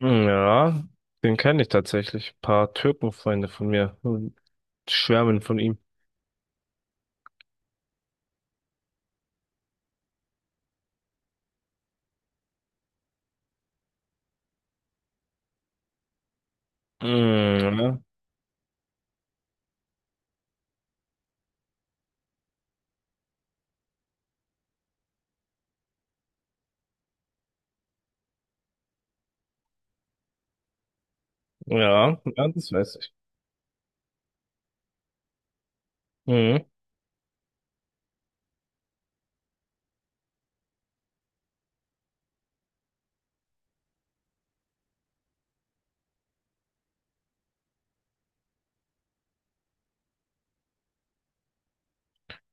Ja, den kenne ich tatsächlich. Ein paar Türkenfreunde von mir schwärmen von ihm. Mhm. Ja, ja, ja, das weiß ich. Mhm.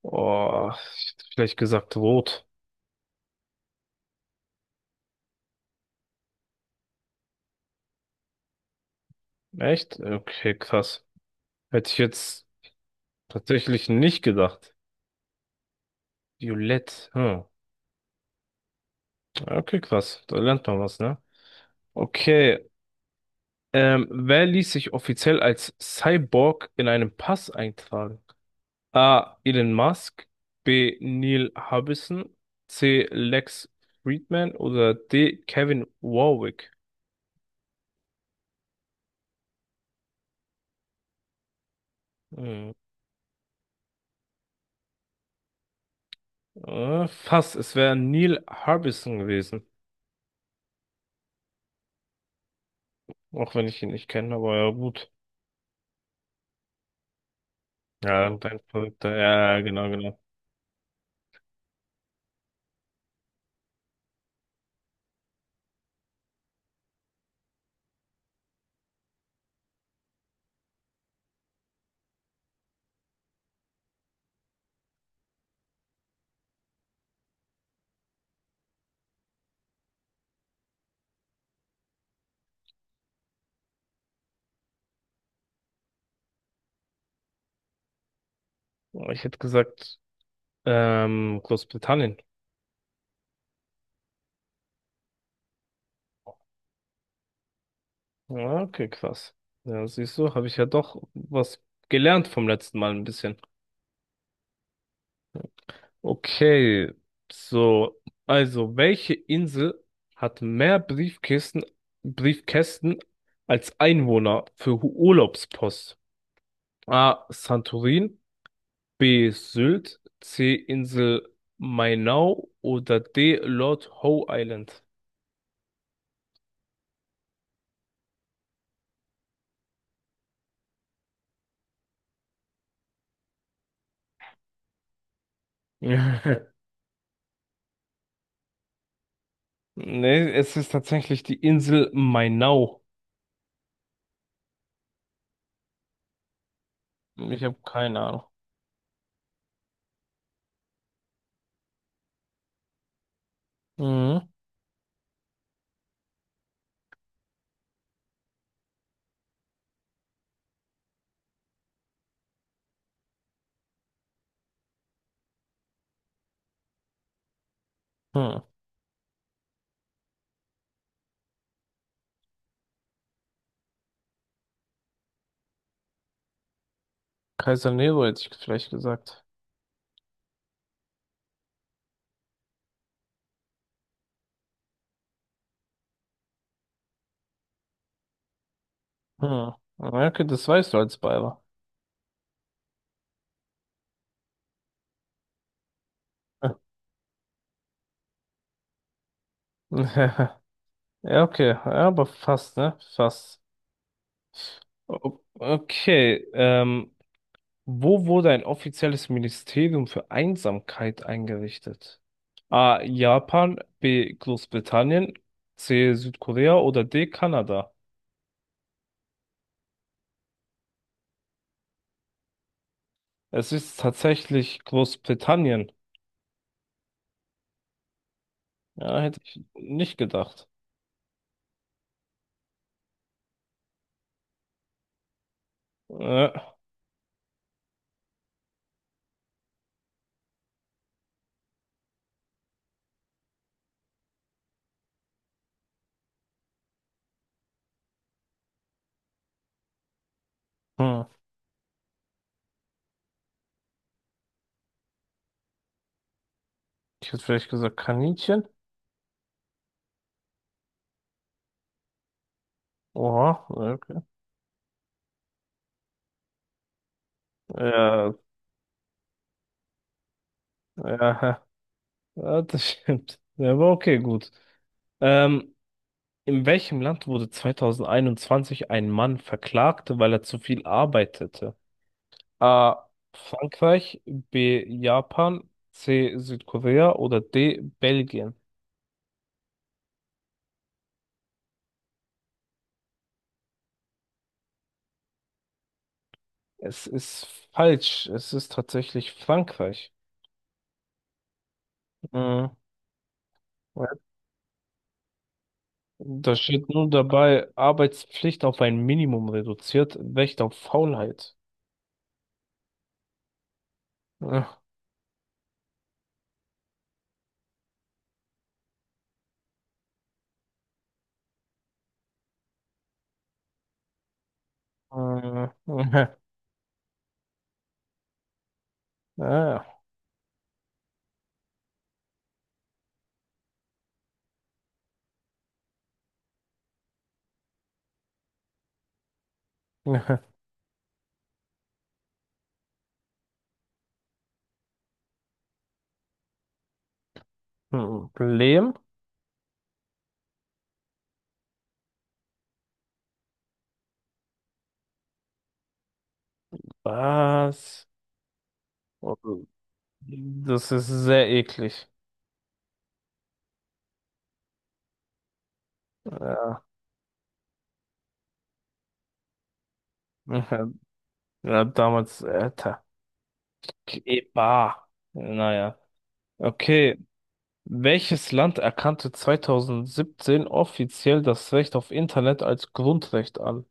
Oh, ich hätte vielleicht gesagt rot. Echt? Okay, krass. Hätte ich jetzt tatsächlich nicht gedacht. Violett. Hm. Okay, krass. Da lernt man was, ne? Okay. Wer ließ sich offiziell als Cyborg in einem Pass eintragen? A. Elon Musk, B. Neil Harbison, C. Lex Friedman oder D. Kevin Warwick. Hm. Fast, es wäre Neil Harbison gewesen. Auch wenn ich ihn nicht kenne, aber ja gut. Ja, dein Verrückter. Ja, genau, genau. Ich hätte gesagt, Großbritannien. Ja, okay, krass. Ja, siehst du, habe ich ja doch was gelernt vom letzten Mal ein bisschen. Okay, so, also welche Insel hat mehr Briefkisten, Briefkästen als Einwohner für Urlaubspost? A. Santorin, B. Sylt, C. Insel Mainau oder D. Lord Howe Island? Nee, es ist tatsächlich die Insel Mainau. Ich habe keine Ahnung. Mhm. Hm. Kaiser Nero hätte ich vielleicht gesagt. Hm. Okay, das weißt du als Bayer. Ja, okay, ja, aber fast, ne? Fast. Okay, wo wurde ein offizielles Ministerium für Einsamkeit eingerichtet? A. Japan, B. Großbritannien, C. Südkorea oder D. Kanada? Es ist tatsächlich Großbritannien. Ja, hätte ich nicht gedacht. Äh, hm. Ich hätte vielleicht gesagt Kaninchen. Oha, okay. Ja, ja, ja, das stimmt. Ja, aber okay, gut. Ähm, In welchem Land wurde 2021 ein Mann verklagt, weil er zu viel arbeitete? A. Frankreich, B. Japan, C. Südkorea oder D. Belgien? Es ist falsch. Es ist tatsächlich Frankreich. Mhm. Ja. Da steht nun dabei, Arbeitspflicht auf ein Minimum reduziert, Recht auf Faulheit. Ja. Mhm. Ja. Mhm. Problem? Was? Das ist sehr eklig. Ja, ja, ja, damals, Alter. Keba. Naja. Okay. Welches Land erkannte 2017 offiziell das Recht auf Internet als Grundrecht an?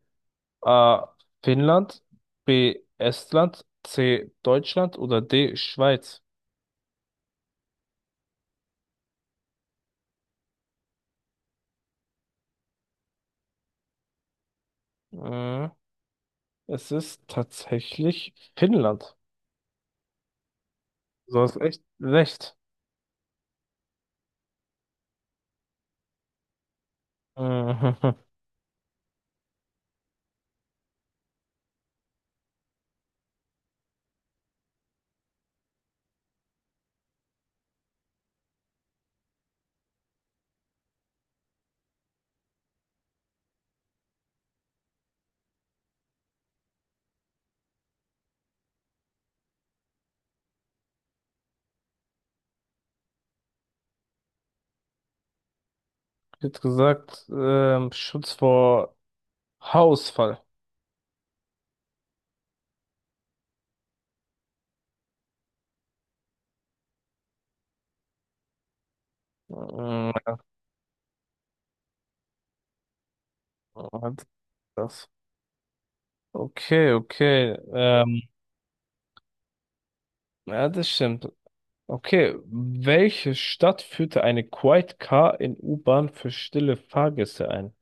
A. Finnland, B. Estland, C. Deutschland oder D. Schweiz? Äh, Es ist tatsächlich Finnland. Du hast echt recht. Äh, Ich hätte gesagt, Schutz vor Haarausfall. Mm, hat das. Okay, okay. Ja, das stimmt. Okay, welche Stadt führte eine Quiet Car in U-Bahn für stille Fahrgäste ein?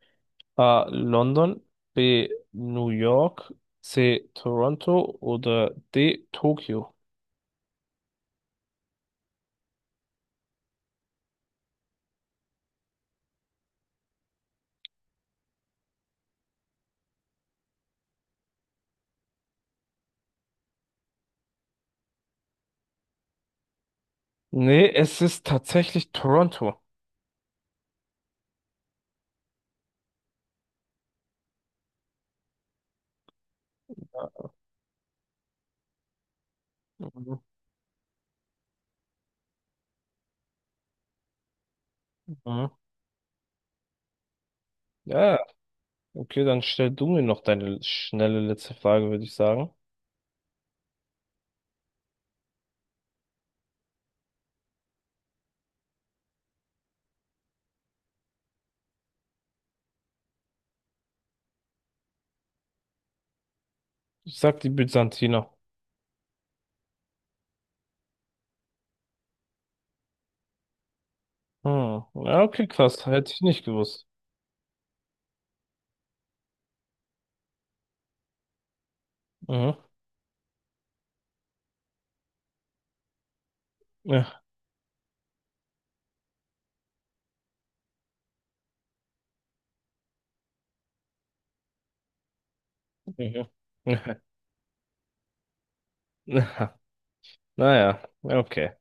A. London, B. New York, C. Toronto oder D. Tokio? Nee, es ist tatsächlich Toronto. Mhm. Mhm. Ja, okay, dann stell du mir noch deine schnelle letzte Frage, würde ich sagen. Ich sag die Byzantiner. Hm. Ja, okay, krass. Hätte ich nicht gewusst. Mhm. Ja, mhm. Naja, ja, okay.